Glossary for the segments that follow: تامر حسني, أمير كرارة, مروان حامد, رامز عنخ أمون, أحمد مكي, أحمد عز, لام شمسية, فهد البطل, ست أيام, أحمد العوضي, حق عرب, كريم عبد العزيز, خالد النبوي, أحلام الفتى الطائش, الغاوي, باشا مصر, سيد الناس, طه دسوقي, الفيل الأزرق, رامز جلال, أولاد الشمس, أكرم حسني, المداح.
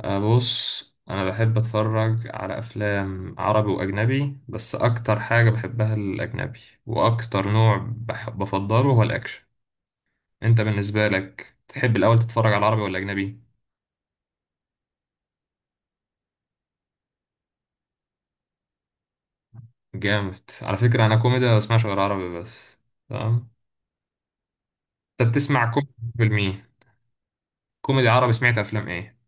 بص انا بحب اتفرج على افلام عربي واجنبي، بس اكتر حاجة بحبها الاجنبي. واكتر نوع بفضله هو الاكشن. انت بالنسبة لك تحب الاول تتفرج على العربي ولا اجنبي؟ جامد. على فكرة انا كوميدي ما بسمعش غير عربي بس. تمام. انت بتسمع كوميدي بالمية؟ كوميدي عربي سمعت افلام ايه؟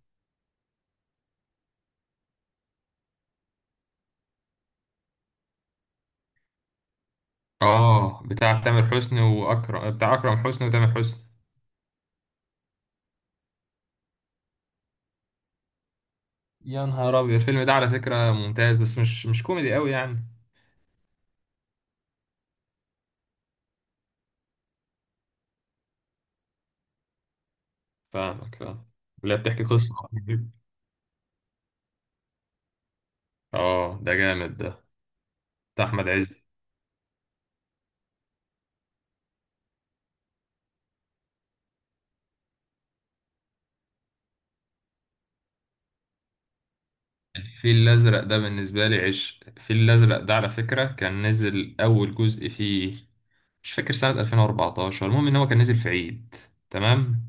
اه، بتاع تامر حسني واكرم، بتاع اكرم حسني وتامر حسني. يا نهار ابيض، الفيلم ده على فكرة ممتاز، بس مش كوميدي قوي يعني. فاهمك، فاهم. اللي هي بتحكي قصة. اه، ده جامد ده، بتاع أحمد عز. الفيل الأزرق ده بالنسبة لي عش، الفيل الأزرق ده على فكرة كان نزل أول جزء فيه مش فاكر سنة 2014، المهم إن هو كان نزل في عيد. تمام.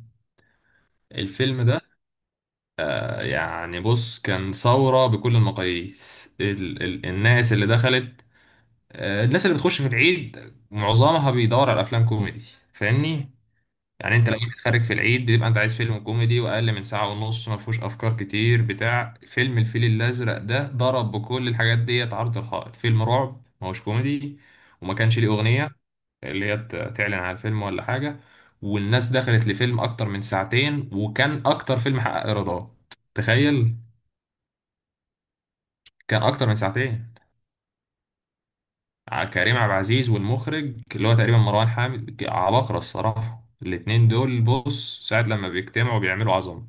الفيلم ده يعني بص كان ثورة بكل المقاييس. ال ال الناس اللي دخلت، الناس اللي بتخش في العيد معظمها بيدور على أفلام كوميدي. فاهمني. يعني انت لما بتتخرج في العيد بتبقى انت عايز فيلم كوميدي واقل من ساعه ونص، ما فيهوش افكار كتير. بتاع فيلم الفيل الازرق ده ضرب بكل الحاجات ديت عرض الحائط. فيلم رعب، ما هوش كوميدي، وما كانش ليه اغنيه تعلن على الفيلم ولا حاجه. والناس دخلت لفيلم اكتر من ساعتين، وكان اكتر فيلم حقق ايرادات. تخيل، كان اكتر من ساعتين. كريم عبد العزيز والمخرج اللي هو تقريبا مروان حامد، عباقرة الصراحة الاتنين دول. بص ساعة لما بيجتمعوا بيعملوا عظمة.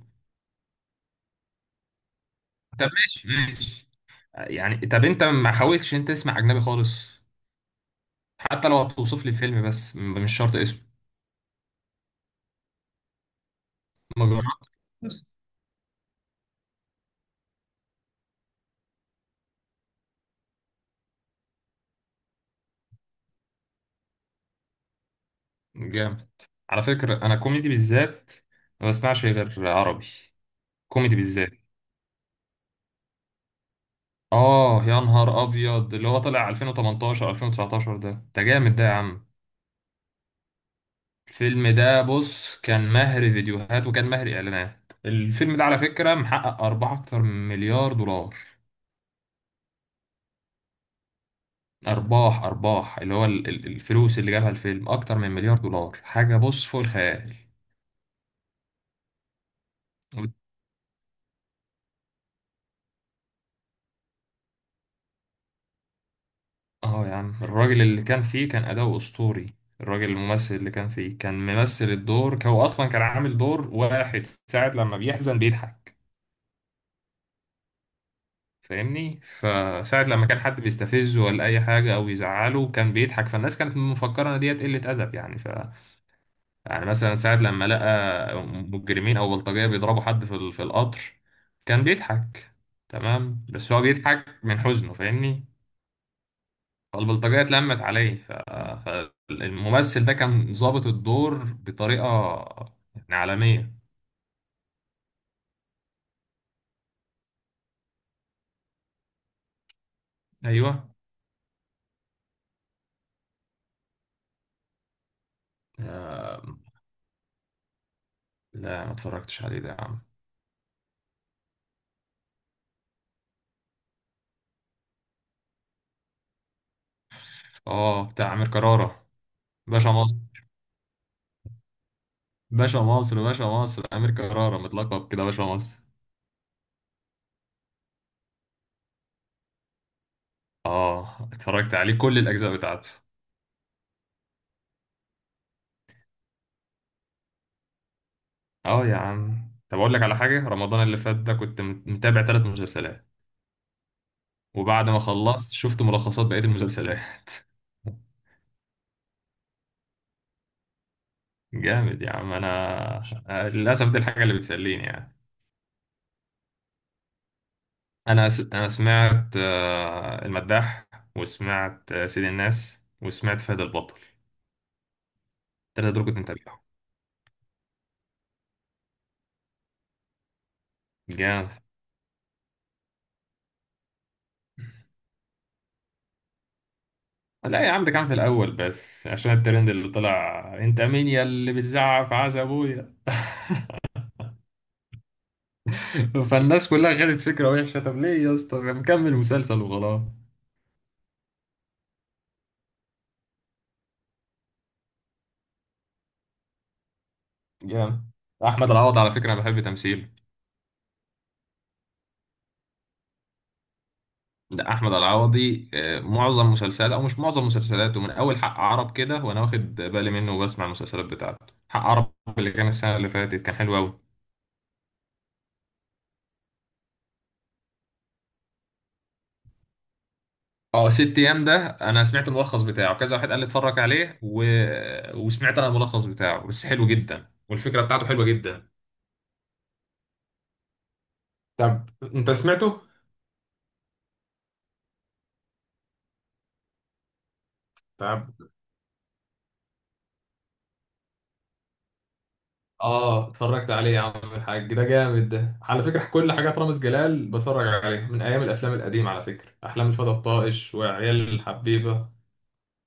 طب ماشي ماشي. يعني طب انت ما حاولتش انت تسمع اجنبي خالص؟ حتى لو هتوصف لي فيلم بس مش شرط اسمه. ما جربتش؟ جامد. على فكرة انا كوميدي بالذات ما بسمعش غير عربي. كوميدي بالذات، اه يا نهار ابيض اللي هو طلع 2018 2019. ده جامد ده يا عم. الفيلم ده بص كان مهر فيديوهات وكان مهر اعلانات. الفيلم ده على فكرة محقق أربعة، أكتر من مليار دولار. ارباح، ارباح اللي هو الفلوس اللي جابها الفيلم اكتر من مليار دولار، حاجه بص فوق الخيال. وت- اه يا عم الراجل اللي كان فيه كان اداؤه اسطوري. الراجل الممثل اللي كان فيه كان ممثل الدور هو اصلا كان عامل دور واحد. ساعه لما بيحزن بيضحك، فاهمني. فساعه لما كان حد بيستفزه ولا اي حاجه او يزعله كان بيضحك، فالناس كانت مفكره ان ديت قله ادب يعني. يعني مثلا ساعة لما لقى مجرمين أو بلطجية بيضربوا حد في القطر كان بيضحك. تمام، بس هو بيضحك من حزنه فاهمني. فالبلطجية اتلمت عليه، فالممثل ده كان ظابط الدور بطريقة يعني عالمية. أيوه. لا ما اتفرجتش عليه ده يا عم. اه، بتاع أمير كرارة. باشا مصر. باشا مصر، باشا مصر، أمير كرارة متلقب كده باشا مصر. اه اتفرجت عليه كل الأجزاء بتاعته. اه يا عم، طب اقول لك على حاجه، رمضان اللي فات ده كنت متابع 3 مسلسلات، وبعد ما خلصت شفت ملخصات بقيه المسلسلات. جامد يا عم انا. أنا للاسف دي الحاجه اللي بتسليني يعني. انا سمعت المداح، وسمعت سيد الناس، وسمعت فهد البطل. الثلاثه دول كنت متابعهم. جامد. لا يا عم، ده كان في الاول بس عشان الترند اللي طلع، انت مين يا اللي بتزعق في عز ابويا. فالناس كلها خدت فكرة وحشة. طب ليه يا اسطى مكمل مسلسل وخلاص. جامد. احمد العوضي على فكره انا بحب تمثيله. ده احمد العوضي معظم مسلسلاته، او مش معظم مسلسلاته، من اول حق عرب كده وانا واخد بالي منه وبسمع المسلسلات بتاعته. حق عرب اللي كان السنه اللي فاتت كان حلو قوي. اه ست ايام، ده انا سمعت الملخص بتاعه. كذا واحد قال لي اتفرج عليه، وسمعت انا الملخص بتاعه بس حلو جدا، والفكره بتاعته حلوه جدا. طب انت سمعته؟ طب، اه اتفرجت عليه يا عم الحاج. ده جامد ده على فكره. كل حاجات رامز جلال بتفرج عليها من ايام الافلام القديمه على فكره، احلام الفتى الطائش وعيال الحبيبه.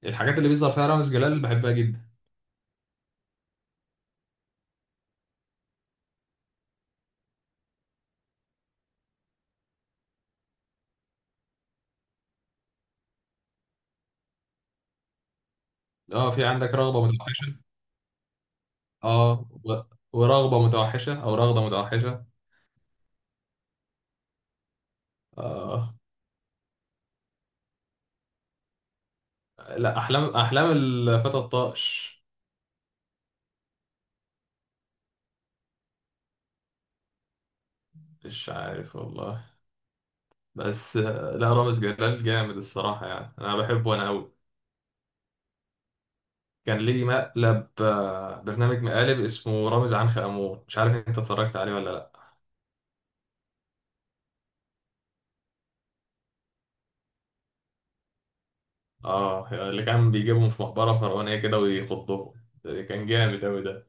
الحاجات اللي بيظهر فيها رامز جلال بحبها جدا. اه، في عندك رغبه متوحشه. اه ورغبه متوحشه، او رغده متوحشه. اه، لا، احلام، احلام الفتى الطائش. مش عارف والله. بس لا رامز جلال جامد الصراحه يعني، انا بحبه انا قوي. كان ليه مقلب، برنامج مقالب اسمه رامز عنخ أمون، مش عارف انت اتفرجت عليه ولا لا. اه، اللي كان بيجيبهم في مقبرة فرعونية كده ويخضهم، ده كان جامد أوي ده.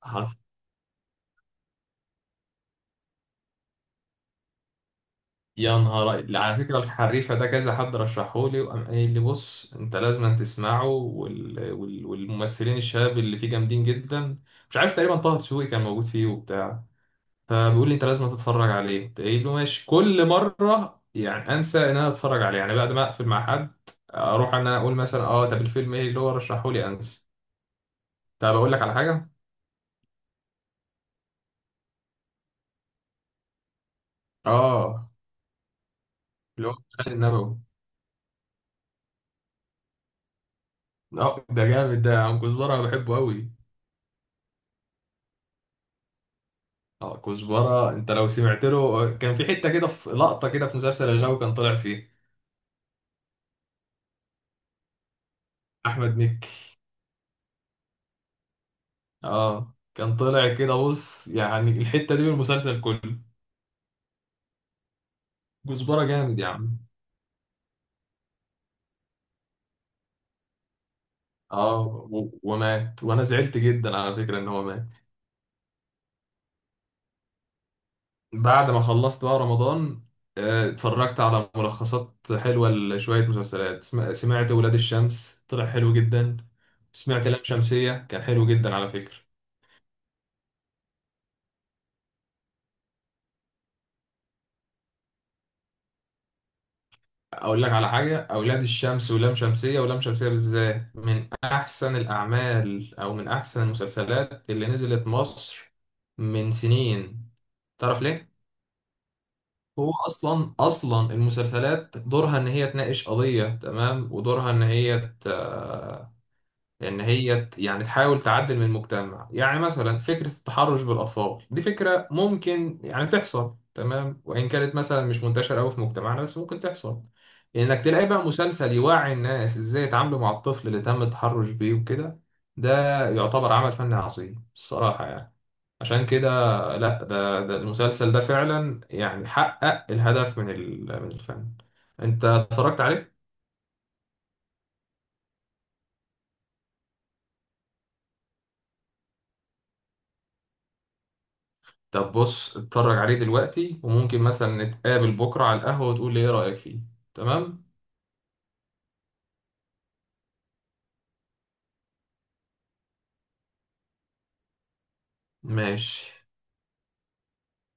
حص- يا نهار على فكرة الحريفة ده كذا حد رشحهولي وقام قايل لي بص انت لازم تسمعه، والممثلين الشباب اللي فيه جامدين جدا. مش عارف تقريبا طه دسوقي كان موجود فيه وبتاع. فبيقول لي انت لازم تتفرج عليه، قلت له ماشي. كل مره يعني انسى ان انا اتفرج عليه، يعني بعد ما اقفل مع حد اروح ان انا اقول مثلا اه، طب الفيلم ايه اللي هو رشحه لي، انسى. طب اقول لك على حاجه. اه، اللي هو خالد النبوي. اه ده جامد ده يا عم، كزبره انا بحبه قوي. اه كزبره انت لو سمعت له، كان في حته كده في لقطه كده في مسلسل الغاوي كان طالع فيه. احمد مكي. اه كان طالع كده بص، يعني الحته دي من المسلسل كله. كزبره جامد يا عم. اه ومات، وانا زعلت جدا على فكرة ان هو مات. بعد ما خلصت بقى رمضان، اتفرجت على ملخصات حلوة لشوية مسلسلات. سمعت ولاد الشمس طلع حلو جدا. سمعت لام شمسية كان حلو جدا على فكرة. اقول لك على حاجة، اولاد الشمس ولام شمسية، ولام شمسية بالذات من احسن الاعمال، او من احسن المسلسلات اللي نزلت مصر من سنين. تعرف ليه؟ هو اصلا المسلسلات دورها ان هي تناقش قضيه، تمام، ودورها ان هي ت... يعني تحاول تعدل من المجتمع. يعني مثلا فكره التحرش بالاطفال دي فكره ممكن يعني تحصل، تمام، وان كانت مثلا مش منتشره قوي في مجتمعنا بس ممكن تحصل. انك تلاقي بقى مسلسل يوعي الناس ازاي يتعاملوا مع الطفل اللي تم التحرش بيه وكده، ده يعتبر عمل فني عظيم الصراحه يعني. عشان كده، لا ده, المسلسل ده فعلا يعني حقق الهدف من من الفن. انت اتفرجت عليه؟ طب بص اتفرج عليه دلوقتي، وممكن مثلا نتقابل بكرة على القهوة وتقول لي ايه رأيك فيه. تمام. ماشي.